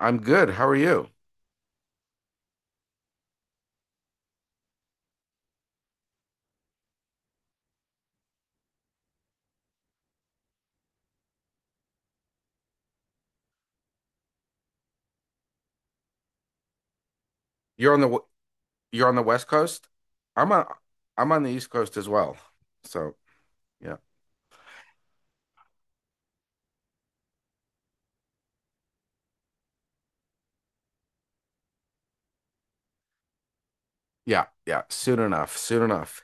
I'm good. How are you? You're on the w- you're on the West Coast? I'm on I'm on the East Coast as well. So, yeah. Yeah, yeah. Soon enough. Soon enough.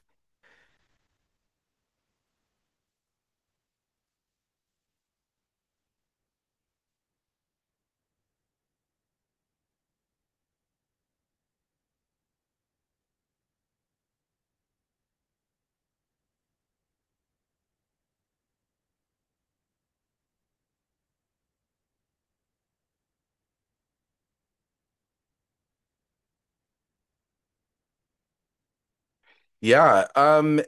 Yeah.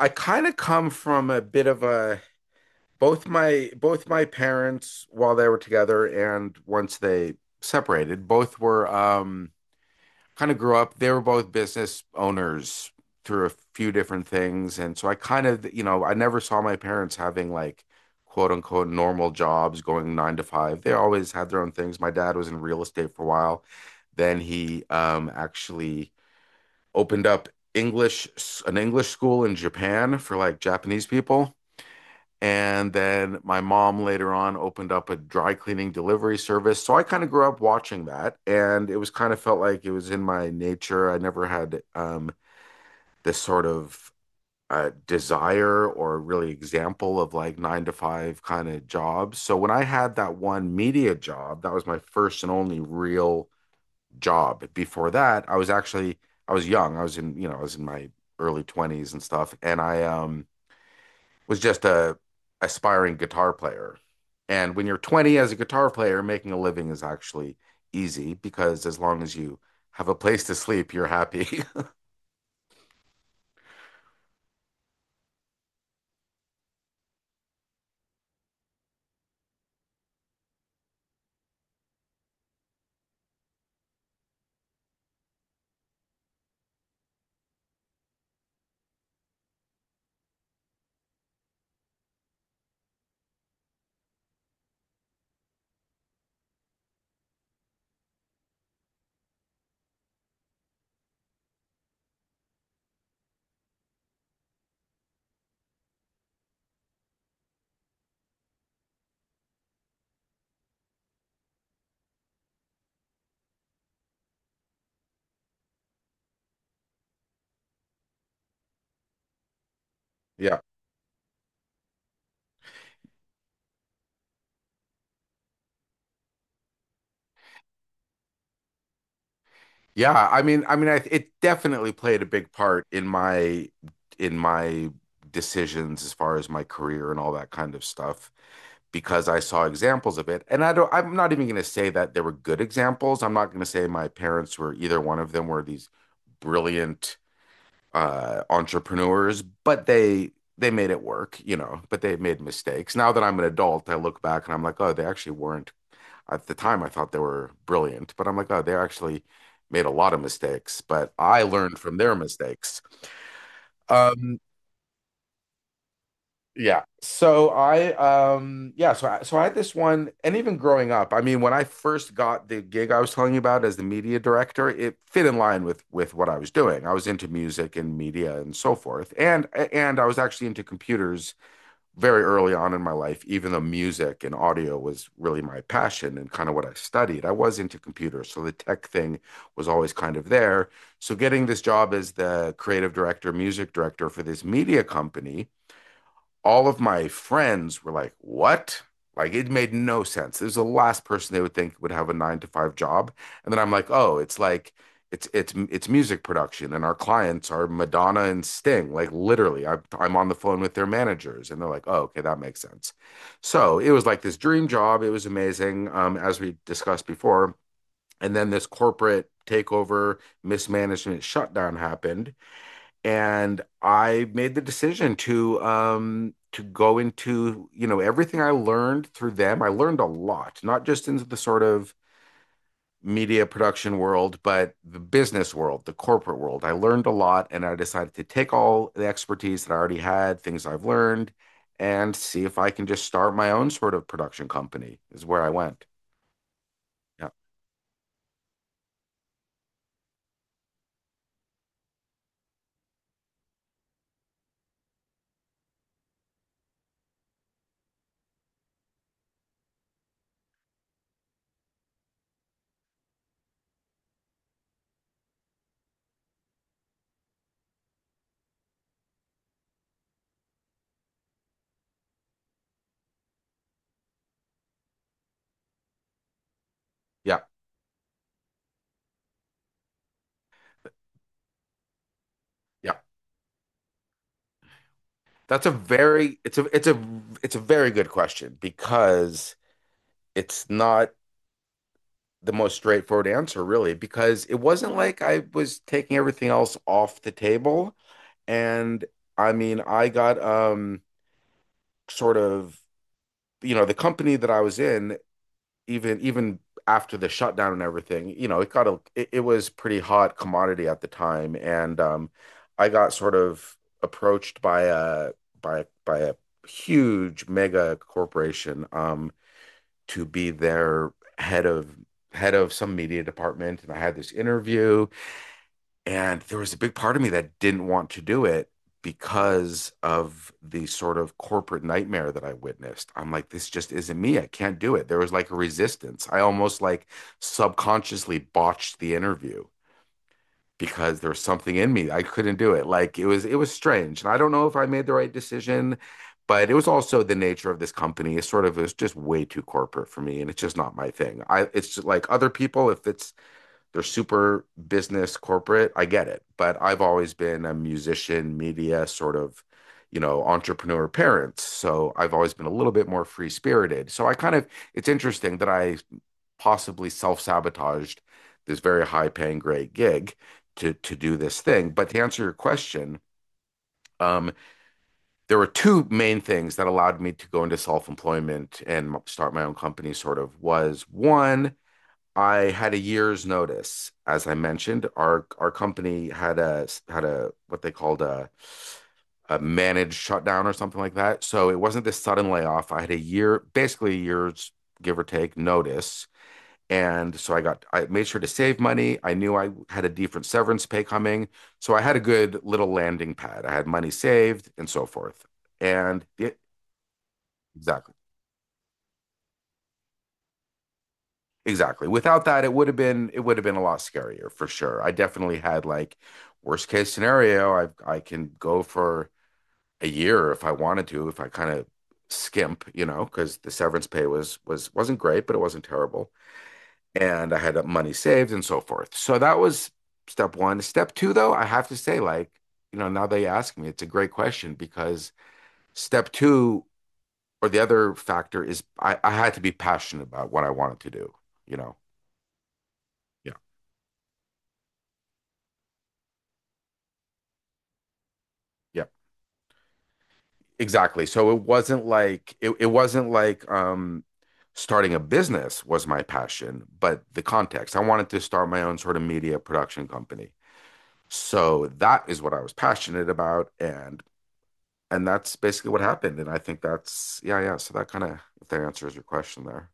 I kind of come from a bit of a both my parents while they were together and once they separated, both were kind of grew up. They were both business owners through a few different things. And so I kind of, you know, I never saw my parents having like quote unquote normal jobs going nine to five. They always had their own things. My dad was in real estate for a while. Then he actually opened up an English school in Japan for like Japanese people. And then my mom later on opened up a dry cleaning delivery service. So I kind of grew up watching that. And it was kind of felt like it was in my nature. I never had this sort of desire or really example of like nine to five kind of jobs. So when I had that one media job, that was my first and only real job. Before that, I was young. I was in, you know, I was in my early 20s and stuff. And was just a aspiring guitar player. And when you're 20 as a guitar player, making a living is actually easy because as long as you have a place to sleep, you're happy. yeah. Yeah, I mean it definitely played a big part in my decisions as far as my career and all that kind of stuff because I saw examples of it. And I'm not even going to say that there were good examples. I'm not going to say my parents were either one of them were these brilliant entrepreneurs, but they made it work, you know, but they made mistakes. Now that I'm an adult, I look back and I'm like, oh, they actually weren't. At the time, I thought they were brilliant, but I'm like, oh, they actually made a lot of mistakes, but I learned from their mistakes. Um, Yeah. So I yeah, so I had this one and even growing up, I mean when I first got the gig I was telling you about as the media director, it fit in line with what I was doing. I was into music and media and so forth. And I was actually into computers very early on in my life, even though music and audio was really my passion and kind of what I studied. I was into computers, so the tech thing was always kind of there. So getting this job as the creative director, music director for this media company all of my friends were like, what? Like it made no sense. There's the last person they would think would have a nine to five job. And then I'm like, oh, it's like it's music production, and our clients are Madonna and Sting. Like literally, I'm on the phone with their managers, and they're like, oh, okay, that makes sense. So it was like this dream job. It was amazing, as we discussed before. And then this corporate takeover, mismanagement, shutdown happened and I made the decision to go into, you know, everything I learned through them. I learned a lot, not just into the sort of media production world, but the business world, the corporate world. I learned a lot and I decided to take all the expertise that I already had, things I've learned, and see if I can just start my own sort of production company is where I went. Yeah. Yeah. Yeah. That's a very it's a it's a it's a very good question because it's not the most straightforward answer, really, because it wasn't like I was taking everything else off the table. And I mean, I got sort of, you know, the company that I was in, even after the shutdown and everything, you know, it got a it, it was pretty hot commodity at the time. And I got sort of approached by a by by a huge mega corporation. To be their head of head of some media department and I had this interview and there was a big part of me that didn't want to do it because of the sort of corporate nightmare that I witnessed. I'm like, this just isn't me. I can't do it. There was like a resistance. I almost like subconsciously botched the interview because there was something in me. I couldn't do it. Like it was strange. And I don't know if I made the right decision, but it was also the nature of this company. It's sort of It was just way too corporate for me and it's just not my thing. I It's just like other people if it's they're super business corporate, I get it. But I've always been a musician, media sort of. You know, entrepreneur parents. So I've always been a little bit more free spirited. So I kind of, it's interesting that I possibly self-sabotaged this very high-paying great gig to do this thing. But to answer your question, um, there were two main things that allowed me to go into self-employment and start my own company, sort of, was one, I had a year's notice. As I mentioned, our company had a had a what they called a managed shutdown or something like that. So it wasn't this sudden layoff. I had a year, basically a year's give or take notice and so I made sure to save money. I knew I had a different severance pay coming. So I had a good little landing pad. I had money saved and so forth. And it, exactly, exactly. Without that, it would have been, it would have been a lot scarier for sure. I definitely had like worst case scenario. I can go for a year if I wanted to, if I kind of skimp, you know, because the severance pay wasn't great, but it wasn't terrible. And I had money saved and so forth. So that was step one. Step two, though, I have to say, like, you know, now they ask me, it's a great question because step two or the other factor is I had to be passionate about what I wanted to do, you know. Yeah. Yeah, exactly. So it wasn't like it wasn't like starting a business was my passion, but the context. I wanted to start my own sort of media production company. So that is what I was passionate about and that's basically what happened. And I think that's yeah, yeah. So that kind of if that answers your question there.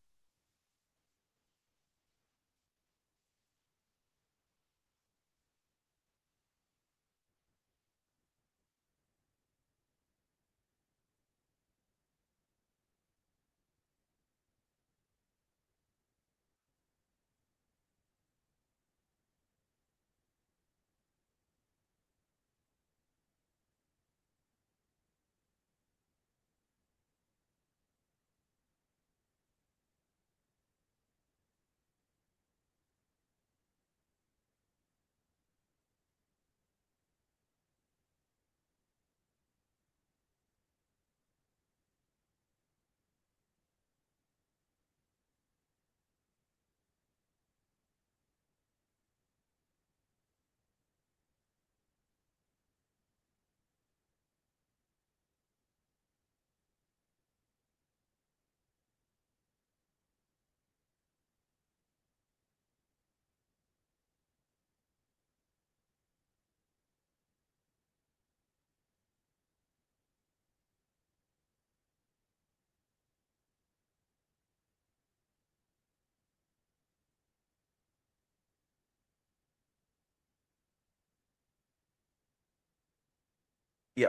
Yeah,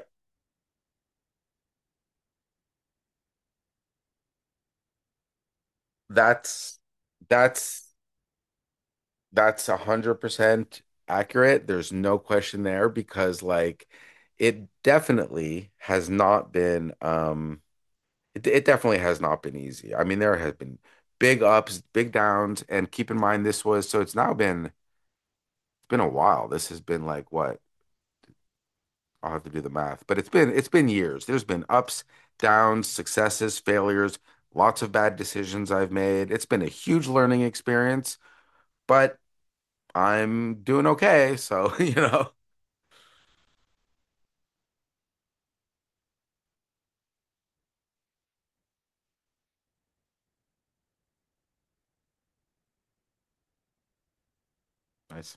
that's that's that's 100% accurate. There's no question there because like it definitely has not been it definitely has not been easy. I mean, there has been big ups, big downs, and keep in mind this was so it's been a while. This has been like what I'll have to do the math, but it's been years. There's been ups, downs, successes, failures, lots of bad decisions I've made. It's been a huge learning experience, but I'm doing okay. So, you know, Nice.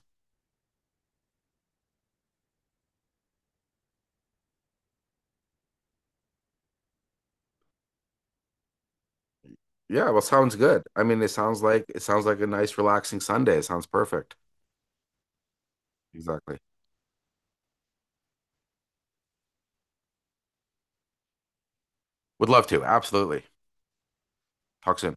Yeah, well, sounds good. I mean, it sounds like a nice, relaxing Sunday. It sounds perfect. Exactly. Would love to. Absolutely. Talk soon.